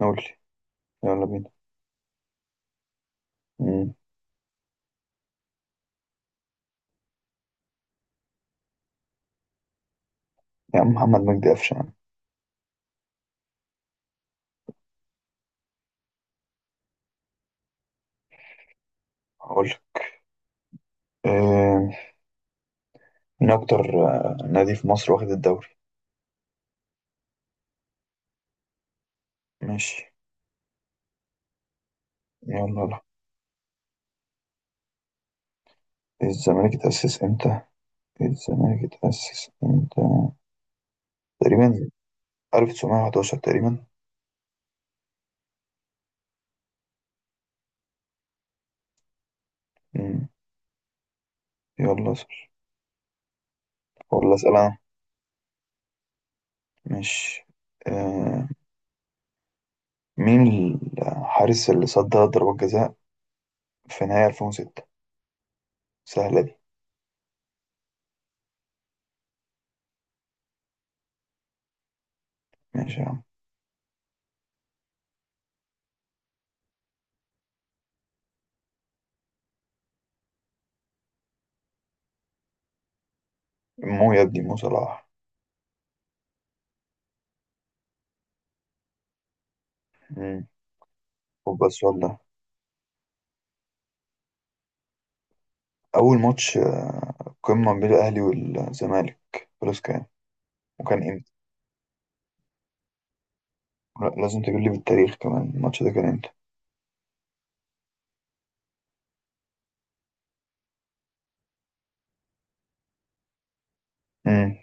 قول لي. يلا بينا. مم. يا عم محمد مجدي قفشه يا عم. هقول لك. آه، مين اكتر نادي في مصر واخد الدوري؟ ماشي. يلا. لا، الزمالك اتأسس امتى الزمالك اتأسس امتى؟ تقريبا 1911 تقريبا. مم. يلا اسأل ولا اسأل انا؟ ماشي. آه، مين الحارس اللي صد ثلاث ضربات جزاء في نهاية 2006؟ سهلة دي. ماشي يا عم. مو يا ابني، مو صلاح. مم. خد بس والله. أول ماتش قمة ما بين الأهلي والزمالك خلاص كان، وكان امتى؟ لا، لازم تقول لي بالتاريخ كمان، الماتش ده كان امتى؟ امم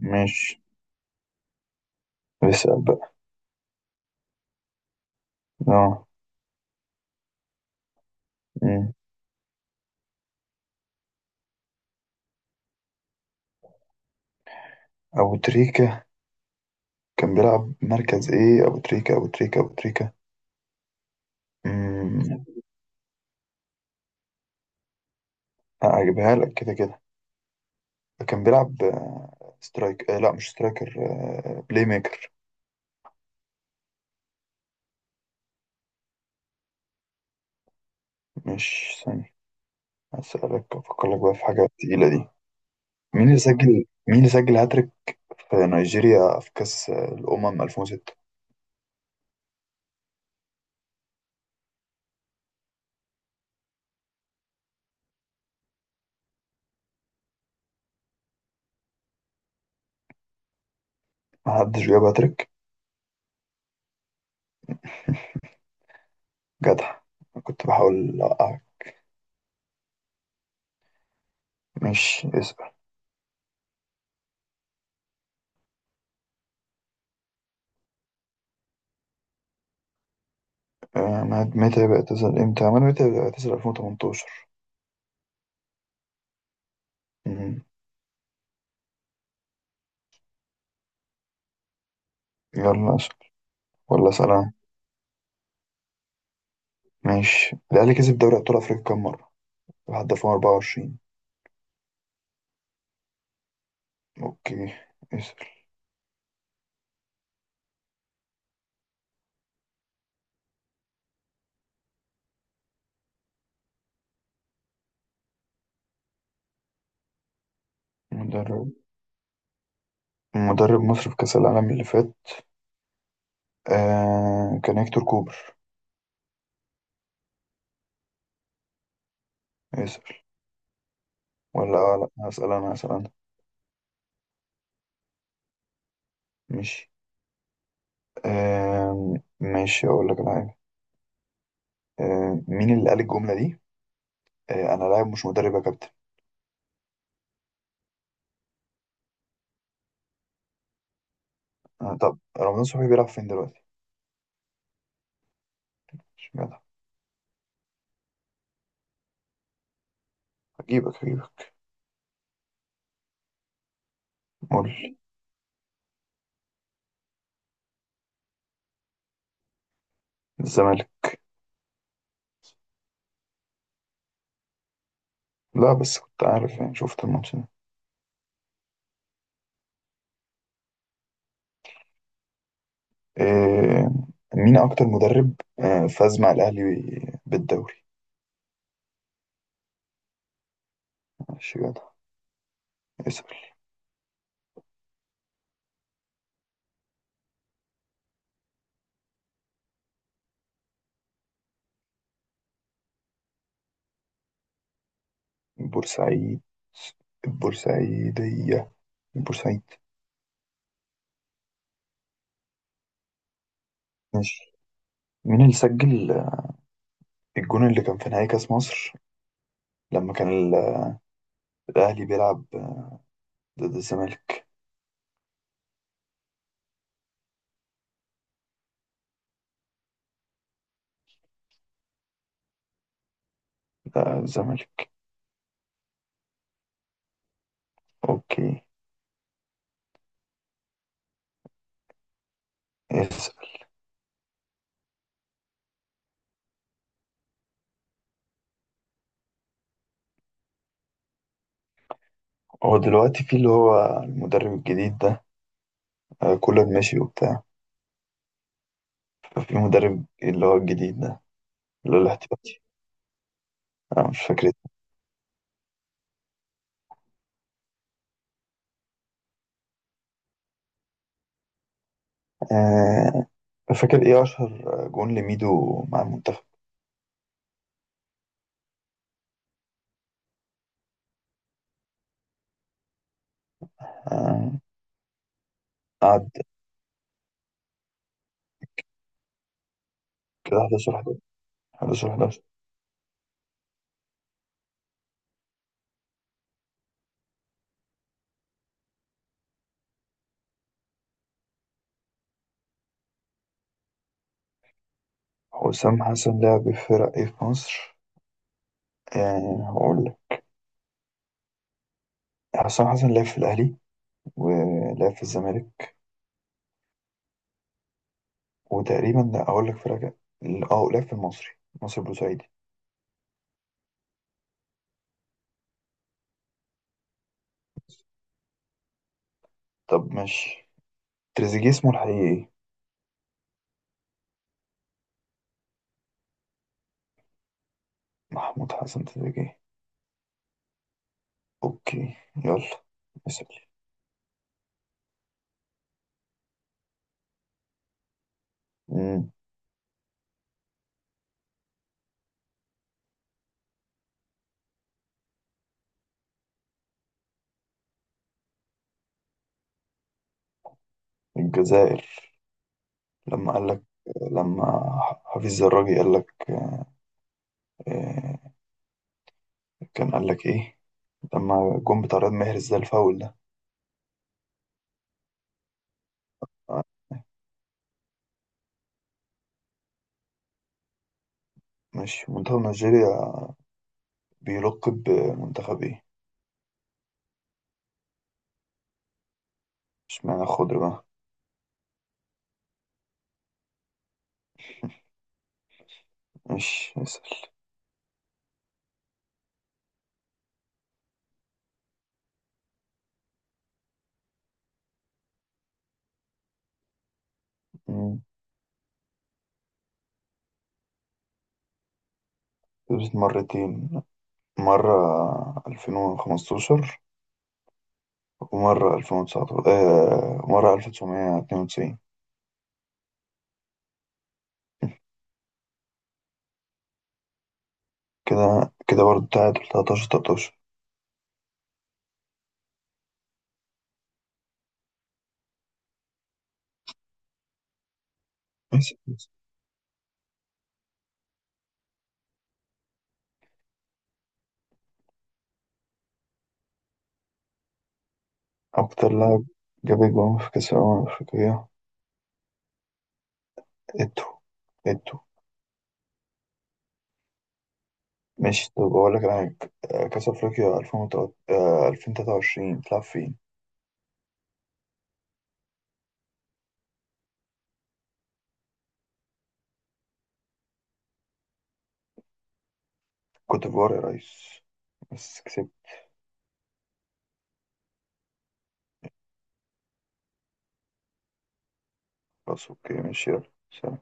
ماشي. بسأل بقى. اه. امم أبو تريكة كان بيلعب مركز إيه؟ أبو تريكة أبو تريكة أبو تريكة امم أجيبها لك كده كده. كان بيلعب سترايك، لا مش سترايكر، بلاي ميكر. مش ثانية. هسألك أفكر لك بقى في حاجة تقيلة دي. مين اللي سجل هاتريك في نيجيريا في كأس الأمم 2006؟ محدش جاب هاتريك؟ جدع، كنت بحاول أوقعك. مش اسأل. آه، مهد متى بيعتزل امتى؟ عماد متى بيعتزل؟ 2018. مم. يلا اسأل ولا سلام. ماشي. الأهلي كسب دوري أبطال أفريقيا كام مرة؟ لحد 2024. أوكي. اسأل. مدرب مدرب مصر في كأس العالم اللي فات؟ آه كان هيكتور كوبر. اسأل. ولا لا، هسأل أنا. ماشي. آه ماشي، أقول لك على حاجة. مين اللي قال الجملة دي؟ أنا لاعب مش مدرب يا كابتن. طب رمضان صبحي بيلعب فين دلوقتي؟ اشمعنى؟ هجيبك هجيبك. قول. الزمالك. لا، بس كنت عارف يعني، شفت الماتش ده. إيه، مين أكتر مدرب فاز مع الأهلي بالدوري؟ ماشي جدع. اسأل. بورسعيد، البورسعيدية، البورسعيد. ماشي. مين اللي سجل الجون اللي كان في نهائي كأس مصر لما كان الأهلي بيلعب ضد الزمالك؟ لا، الزمالك. أوكي. اسأل. هو دلوقتي في اللي هو المدرب الجديد ده، كولر ماشي وبتاع، ففي مدرب اللي هو الجديد ده اللي هو الاحتياطي. أنا مش فاكر اسمه. آه، فاكر إيه أشهر جون لميدو مع المنتخب؟ آه، قعد. كده 11 11. 11 11. حسام حسن لعب في فرق إيه في مصر؟ هقول لك. حسام حسن لعب في الأهلي، ولعب في الزمالك، وتقريبا، لا أقول لك فرق كام. اه، لعب في المصري، مصر بورسعيدي. طب ماشي. تريزيجيه اسمه الحقيقي إيه؟ محمود حسن تريزيجيه. أوكي. يلا اسأل. الجزائر. لما قال لك، لما حفيظ الراجي قال لك، آه، كان قال لك إيه لما جون بتاع رياض محرز ده الفاول ده؟ مش منتخب نيجيريا بيلق بمنتخب إيه؟ مش معنى خضر بقى. مش اسأل. مم. كسبت مرتين، مرة 2015 ومرة 2019، مرة 1992. كده كده برضه تعادل 13 13. ماشي. أكتر لاعب جاب أجوان في كأس الأمم الأفريقية؟ اتو، اتو. ماشي، طب بقول لك انا، كاس افريقيا 2023 بتلعب فين؟ كوت ديفوار يا ريس، بس كسبت. خلاص اوكي ماشي يلا سلام.